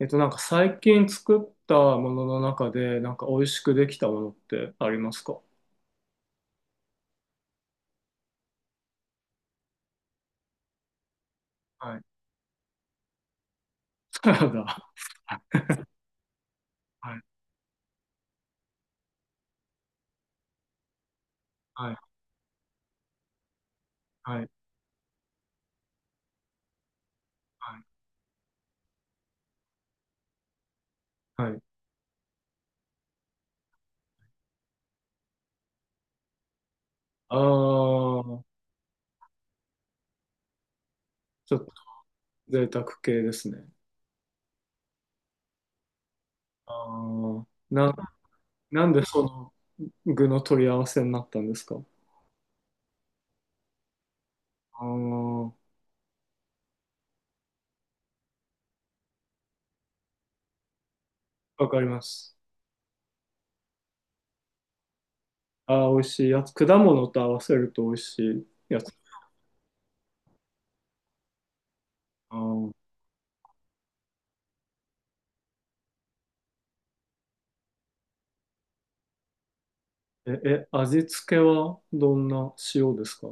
なんか最近作ったものの中で、なんか美味しくできたものってありますか？はい。サラダ。はい。はい。はい。はい。はい。あー、ちょっと贅沢系ですね。あー、な、んでその具の取り合わせになったんですか？あー、わかります。あー、美味しいやつ。果物と合わせると美味しいやつ。あー、え、味付けはどんな塩ですか？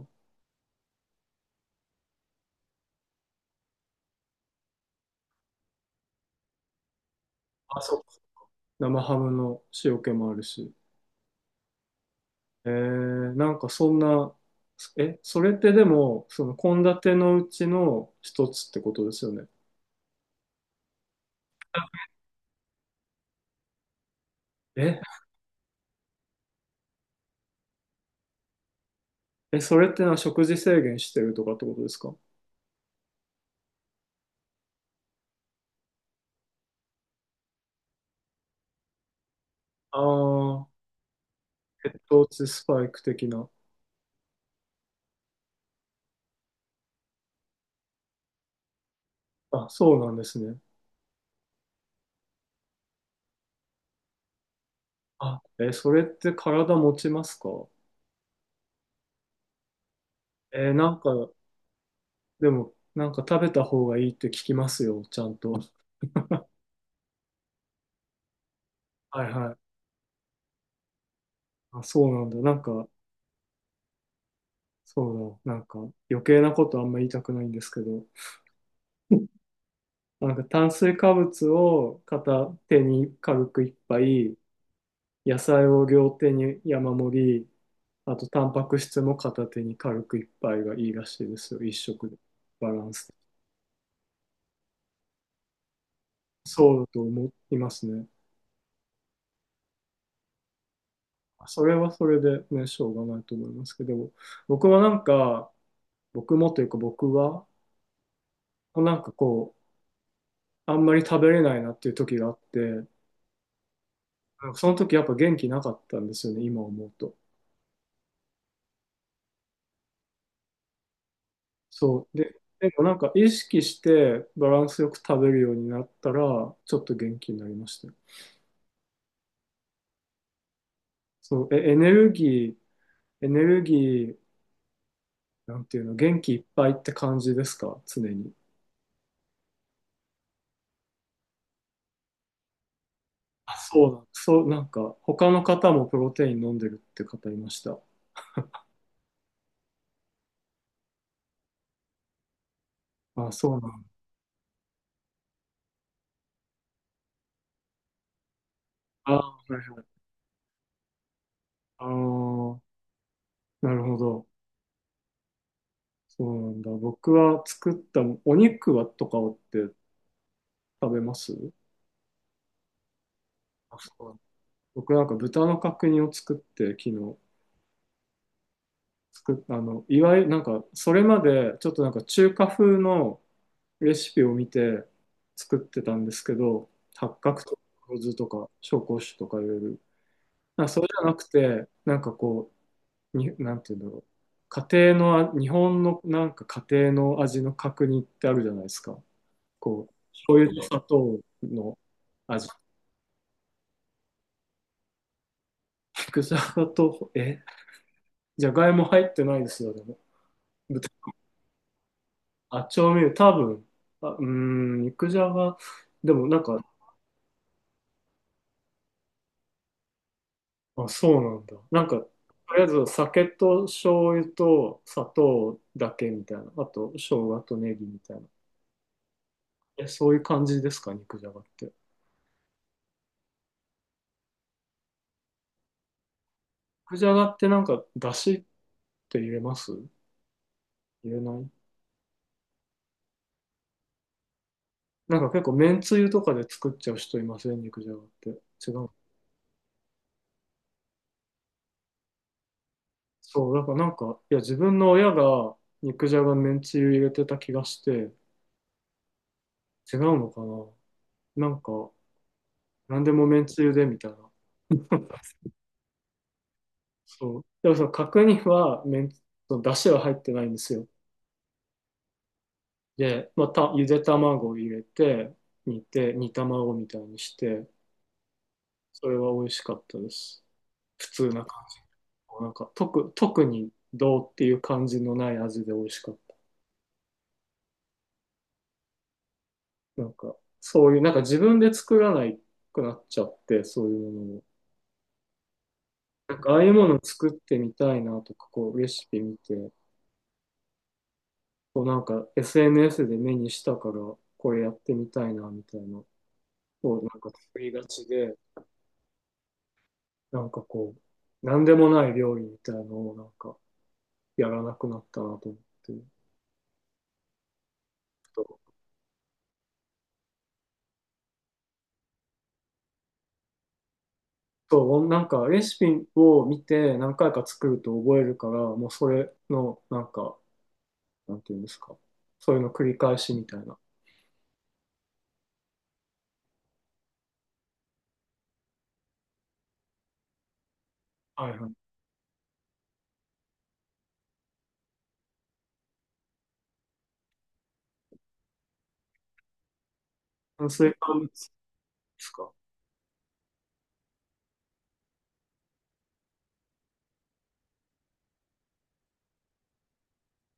あ、そう。生ハムの塩気もあるし。なんかそんな、え、それってでも、その献立のうちの一つってことですよね。え、え、それってのは食事制限してるとかってことですか？ああー、血糖値スパイク的な。あ、そうなんですね。あ、え、それって体持ちますか？なんか、でも、なんか食べた方がいいって聞きますよ、ちゃんと。はいはい。あ、そうなんだ。なんか、そうだ。なんか、余計なことあんま言いたくないんですけど。なんか炭水化物を片手に軽く一杯、野菜を両手に山盛り、あとタンパク質も片手に軽く一杯がいいらしいですよ、一食で。バランス。そうだと思いますね。それはそれでね、しょうがないと思いますけど、僕はなんか、僕もというか僕は、なんかこう、あんまり食べれないなっていう時があって、なんかその時やっぱ元気なかったんですよね、今思うと。そう。でもなんか意識してバランスよく食べるようになったら、ちょっと元気になりましたよ。そう。え、エネルギー、なんていうの、元気いっぱいって感じですか常に？あ、そう、なんか、他の方もプロテイン飲んでるって方いました。あ、そうなんだ。あ、はいはい。あーなるほど。そうなんだ。僕は作ったお肉はとかって食べます？あ、そうなんだ。僕なんか豚の角煮を作って昨日。作っあの、いわゆるなんか、それまでちょっとなんか中華風のレシピを見て作ってたんですけど、八角とか黒酢とか紹興酒とかいろいろ。なんかそれじゃなくて、なんかこう、なんていうんだろう。家庭のあ、日本のなんか家庭の味の角煮ってあるじゃないですか。こう、醤油と砂糖の味。肉じゃがと、え、じゃがいも入ってないですよ、でも。あ、調味料、多分、あ、うーん、肉じゃが、でもなんか、あ、そうなんだ。なんか、とりあえず酒と醤油と砂糖だけみたいな。あと、生姜とネギみたいな。え、そういう感じですか、肉じゃがって？肉じゃがってなんか、だしって入れます、入れない？なんか結構、めんつゆとかで作っちゃう人いません、肉じゃがって？違う。そう、だからなんか、いや、自分の親が肉じゃがめんつゆ入れてた気がして、違うのかな？なんか、何でもめんつゆでみたいな。そう。でもその角煮はその出汁は入ってないんですよ。で、また、ゆで卵を入れて、煮て、煮卵みたいにして、それは美味しかったです。普通な感じ。なんか、特にどうっていう感じのない味で美味しかった。なんか、そういう、なんか自分で作らないくなっちゃって、そういうものを。なんか、ああいうものを作ってみたいなとか、こう、レシピ見て、こうなんか SNS で目にしたから、これやってみたいな、みたいな、こうなんか作りがちで、なんかこう、なんでもない料理みたいなのをなんかやらなくなったなと思ってる。そう、なんかレシピを見て何回か作ると覚えるから、もうそれのなんか、なんていうんですか、そういうの繰り返しみたいな。はいはい。炭水化物ですか？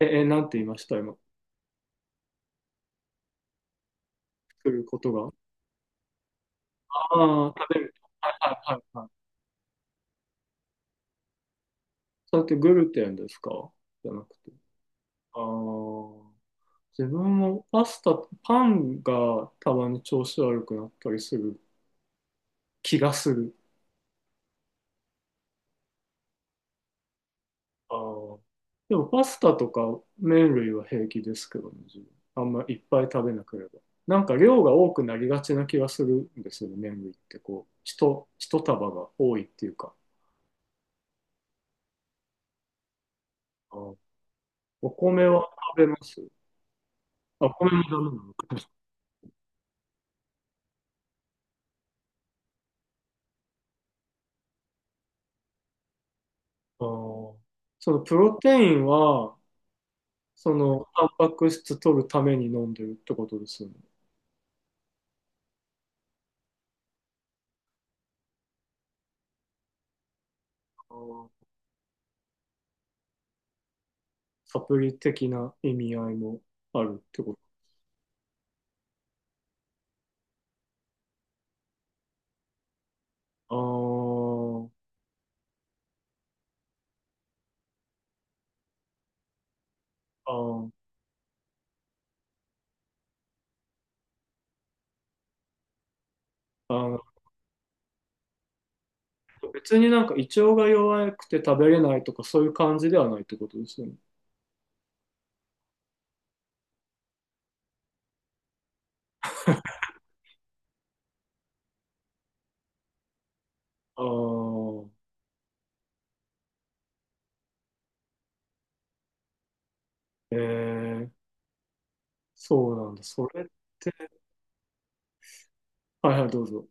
え、なんて言いました今？作ることが。ああ、食べる。はいはいはい。それってグルテンですか？じゃなくて。あー自分もパスタ、パンがたまに調子悪くなったりする気がする。あーでもパスタとか麺類は平気ですけどね、自分。あんまいっぱい食べなければ。なんか量が多くなりがちな気がするんですよね、麺類って。こう、一束が多いっていうか。あーお米は食べます？あ、お米もダメなのか。あーそのプロテインは、その、タンパク質取るために飲んでるってことですよね。あーサプリ的な意味合いもあるってこと？あー、あー、別になんか胃腸が弱くて食べれないとかそういう感じではないってことですよね。ああ、ええ、そうなんだ。それって、はいはい、どうぞ。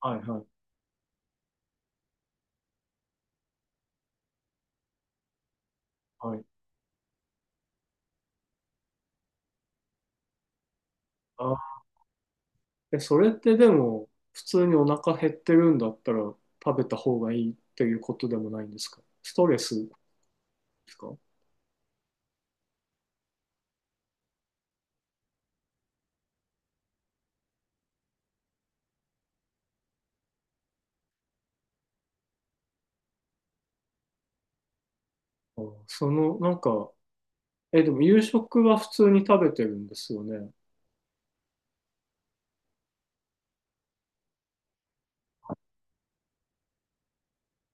はいはい、はい。あー、え、それってでも、普通にお腹減ってるんだったら食べた方がいいっていうことでもないんですか？ストレスですか？あーその、なんか、え、でも夕食は普通に食べてるんですよね。